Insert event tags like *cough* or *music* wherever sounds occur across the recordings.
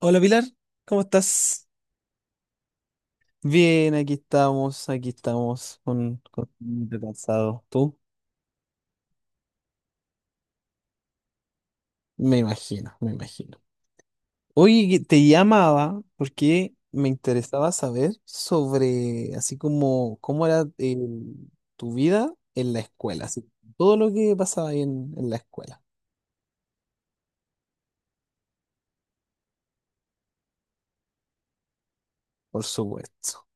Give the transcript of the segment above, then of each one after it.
Hola Pilar, ¿cómo estás? Bien, aquí estamos, con un poquito cansado. ¿Tú? Me imagino, me imagino. Oye, que te llamaba porque me interesaba saber sobre, así como, cómo era tu vida en la escuela, así, todo lo que pasaba ahí en la escuela, por supuesto.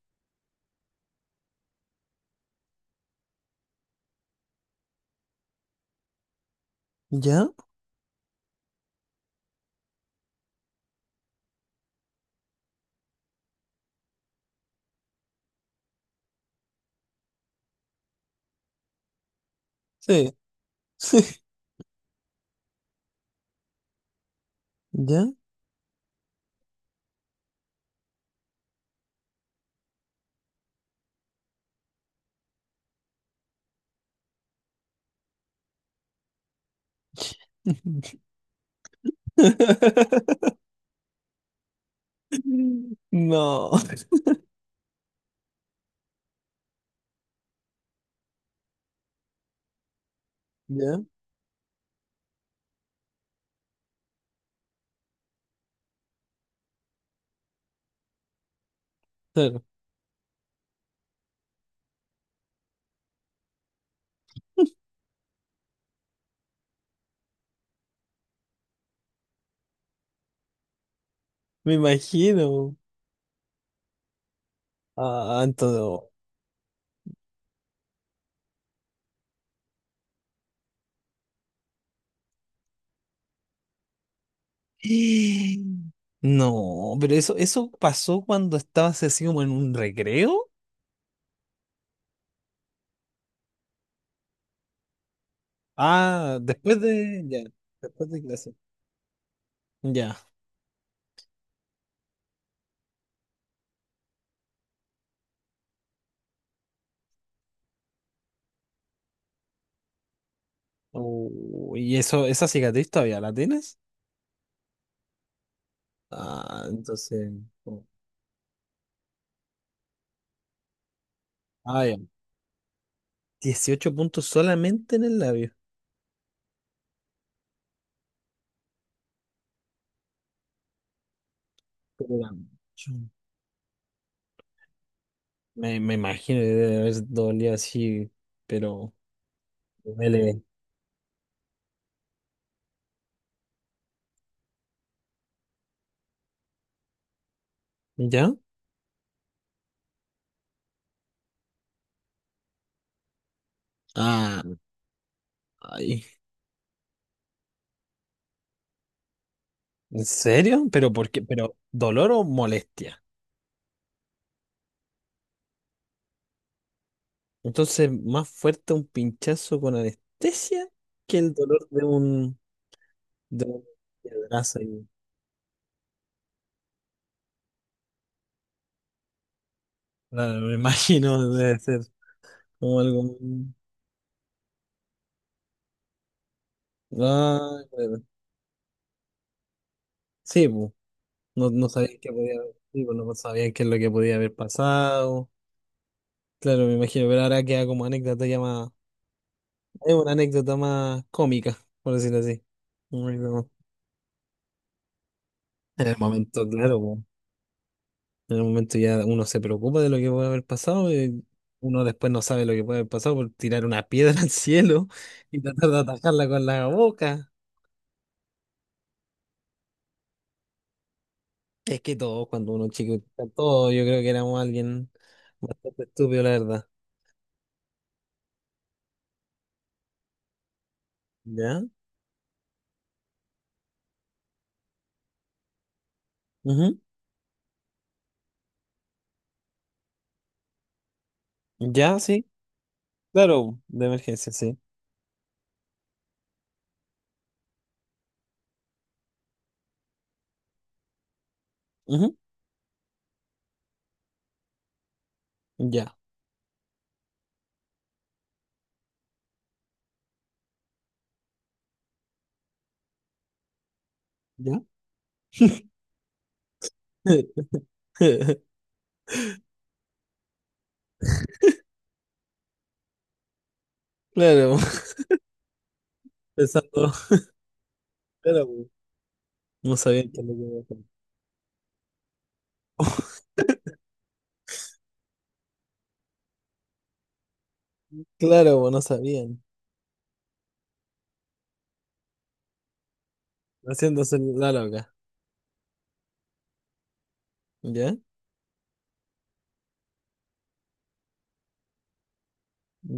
¿Ya? Sí. *laughs* ¿Ya? *laughs* No. ¿Ya? Claro, me imagino. Ah, entonces. *gasps* No, pero eso pasó cuando estabas así como en un recreo. Ah, ya, después de clase. Ya. Oh, ¿y eso, esa cicatriz todavía la tienes? Ah, entonces. Oh. Ah, ya. 18 puntos solamente en el labio. Pero era mucho. Me imagino que debe haber dolido así, pero duele. ¿Ya? Ah, ay. ¿En serio? ¿Pero por qué? ¿Pero dolor o molestia? Entonces, más fuerte un pinchazo con anestesia que el dolor de un piedrazo. Claro, me *laughs* imagino, debe ser como algo. Ah, claro. Sí, pues, no, no sabían qué podía haber, sí, pues, no sabían qué es lo que podía haber pasado. Claro, me imagino, pero ahora queda como anécdota ya más. Es una anécdota más cómica, por decirlo así. Muy como- En el momento, claro, pues. En el momento ya uno se preocupa de lo que puede haber pasado, y uno después no sabe lo que puede haber pasado por tirar una *laughs* piedra al cielo y tratar de atajarla con la boca. Es que todos, cuando uno es chico, todos, yo creo que éramos alguien bastante estúpido, la verdad. ¿Ya? Ujú. Ya, sí. Claro, de emergencia, sí. Ujú. Ya. ¿Ya? *laughs* Claro, pensando, claro, no sabían qué es lo que iba a hacer. *laughs* Claro, pues, no sabían. Haciéndose la loca. ¿Ya?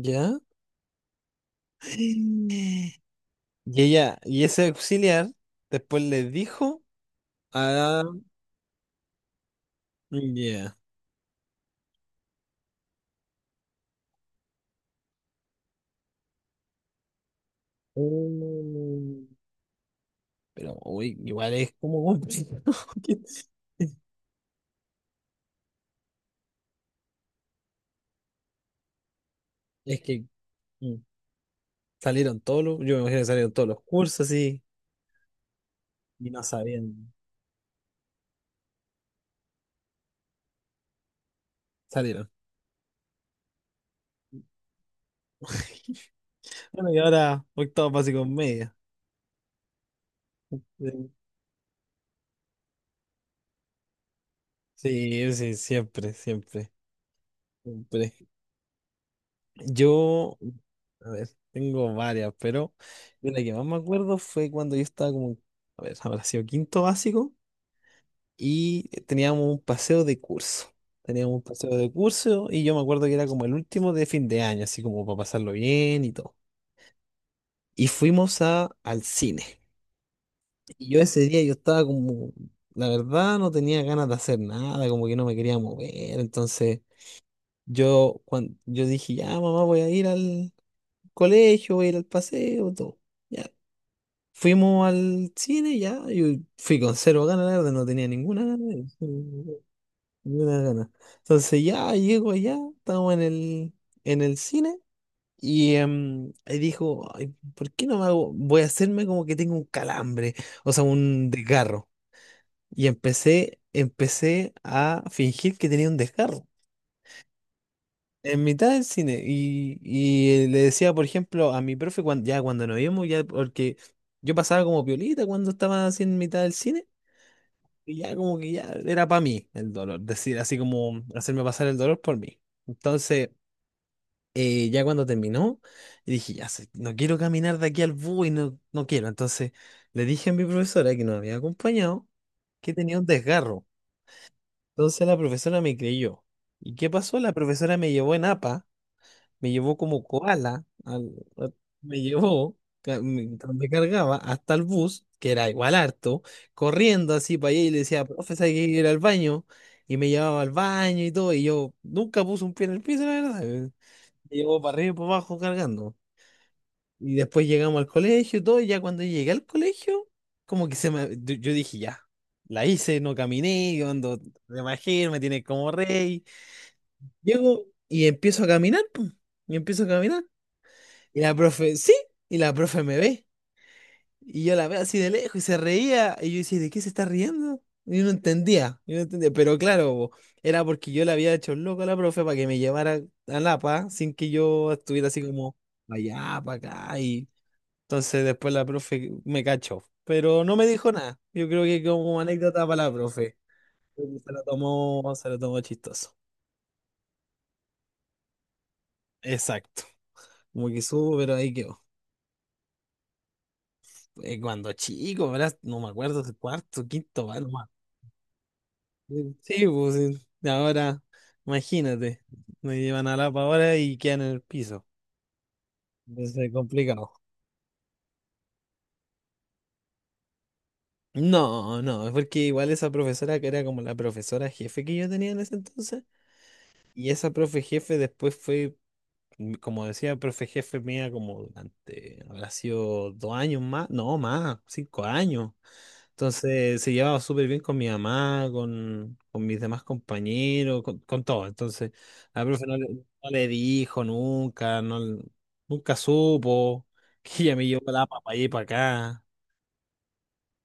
¿Ya? Y ella, y ese auxiliar después le dijo a. Ya. Mm. Pero uy, igual es como complicado. *laughs* que- Es que mm, salieron yo me imagino que salieron todos los cursos así y no sabían, salieron. Bueno, y ahora octavo básico en media. Sí, sí, sí, siempre, siempre, siempre. Yo, a ver, tengo varias, pero de la que más me acuerdo fue cuando yo estaba como, a ver, habrá sido quinto básico. Y teníamos un paseo de curso. Teníamos un paseo de curso y yo me acuerdo que era como el último de fin de año, así como para pasarlo bien y todo. Y fuimos al cine. Y yo ese día yo estaba como, la verdad no tenía ganas de hacer nada, como que no me quería mover. Entonces yo dije, ya mamá voy a ir al colegio, voy a ir al paseo, todo. Ya. Fuimos al cine, ya, yo fui con cero ganas, la verdad, no tenía ninguna gana. Ni una gana. Entonces ya llego allá, estamos en el cine y dijo, "Ay, ¿por qué no me hago? Voy a hacerme como que tengo un calambre, o sea, un desgarro". Y empecé a fingir que tenía un desgarro. En mitad del cine. Y le decía, por ejemplo, a mi profe, ya cuando nos vimos, ya porque yo pasaba como piolita cuando estaba así en mitad del cine, y ya como que ya era para mí el dolor, decir, así como hacerme pasar el dolor por mí. Entonces, ya cuando terminó, y dije, ya sé, no quiero caminar de aquí al bus y no, no quiero. Entonces le dije a mi profesora que nos había acompañado que tenía un desgarro. Entonces la profesora me creyó. ¿Y qué pasó? La profesora me llevó en APA, me llevó como koala, me llevó, ca- me, me cargaba hasta el bus, que era igual harto, corriendo así para allá y le decía, profesora, hay que ir al baño. Y me llevaba al baño y todo, y yo nunca puse un pie en el piso, la verdad. Me llevó para arriba y para abajo cargando. Y después llegamos al colegio y todo, y ya cuando llegué al colegio, como que se me. Yo dije, ya, la hice, no caminé, yo ando de magia, me tiene como rey. Llego y empiezo a caminar, pum, y empiezo a caminar. Y la profe, sí, y la profe me ve. Y yo la veo así de lejos y se reía. Y yo decía, ¿de qué se está riendo? Y yo no entendía, yo no entendía. Pero claro, po, era porque yo le había hecho el loco a la profe para que me llevara a Lapa sin que yo estuviera así como para allá, para acá. Y entonces después la profe me cachó. Pero no me dijo nada. Yo creo que como anécdota para la profe. Se se lo tomó chistoso. Exacto. Como que subo, pero ahí quedó. Cuando chico, ¿verdad? No me acuerdo, cuarto, quinto, ¿verdad? Sí, pues sí. Ahora, imagínate, me llevan a la ahora y quedan en el piso. Entonces, complicado. No, no, es porque igual esa profesora que era como la profesora jefe que yo tenía en ese entonces, y esa profe jefe después fue como decía el profe jefe mía, como durante, habrá sido 2 años más, no más, 5 años. Entonces se llevaba súper bien con mi mamá, con mis demás compañeros, con todo. Entonces la profe no le dijo nunca, no, nunca supo *laughs* que ella me llevó la para allí para acá.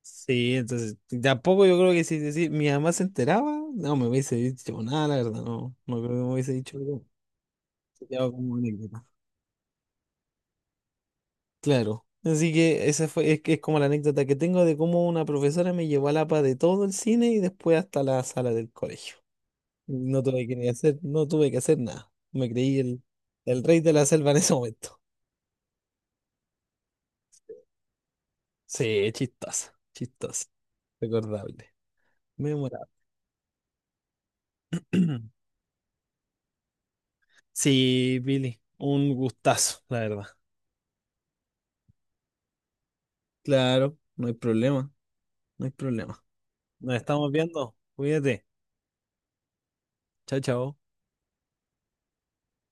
Sí, entonces tampoco yo creo que si decir mi mamá se enteraba, no me hubiese dicho nada, la verdad, no, no creo que me hubiese dicho algo. Se quedaba como anécdota. Claro. Así que esa fue, es, que es como la anécdota que tengo de cómo una profesora me llevó a la pa de todo el cine y después hasta la sala del colegio. No tuve que ni hacer, no tuve que hacer nada. Me creí el rey de la selva en ese momento. *laughs* Sí, chistosa, chistosa. Recordable. Memorable. *clears throat* Sí, Billy, un gustazo, la verdad. Claro, no hay problema, no hay problema. Nos estamos viendo. Cuídate. Chao, chao.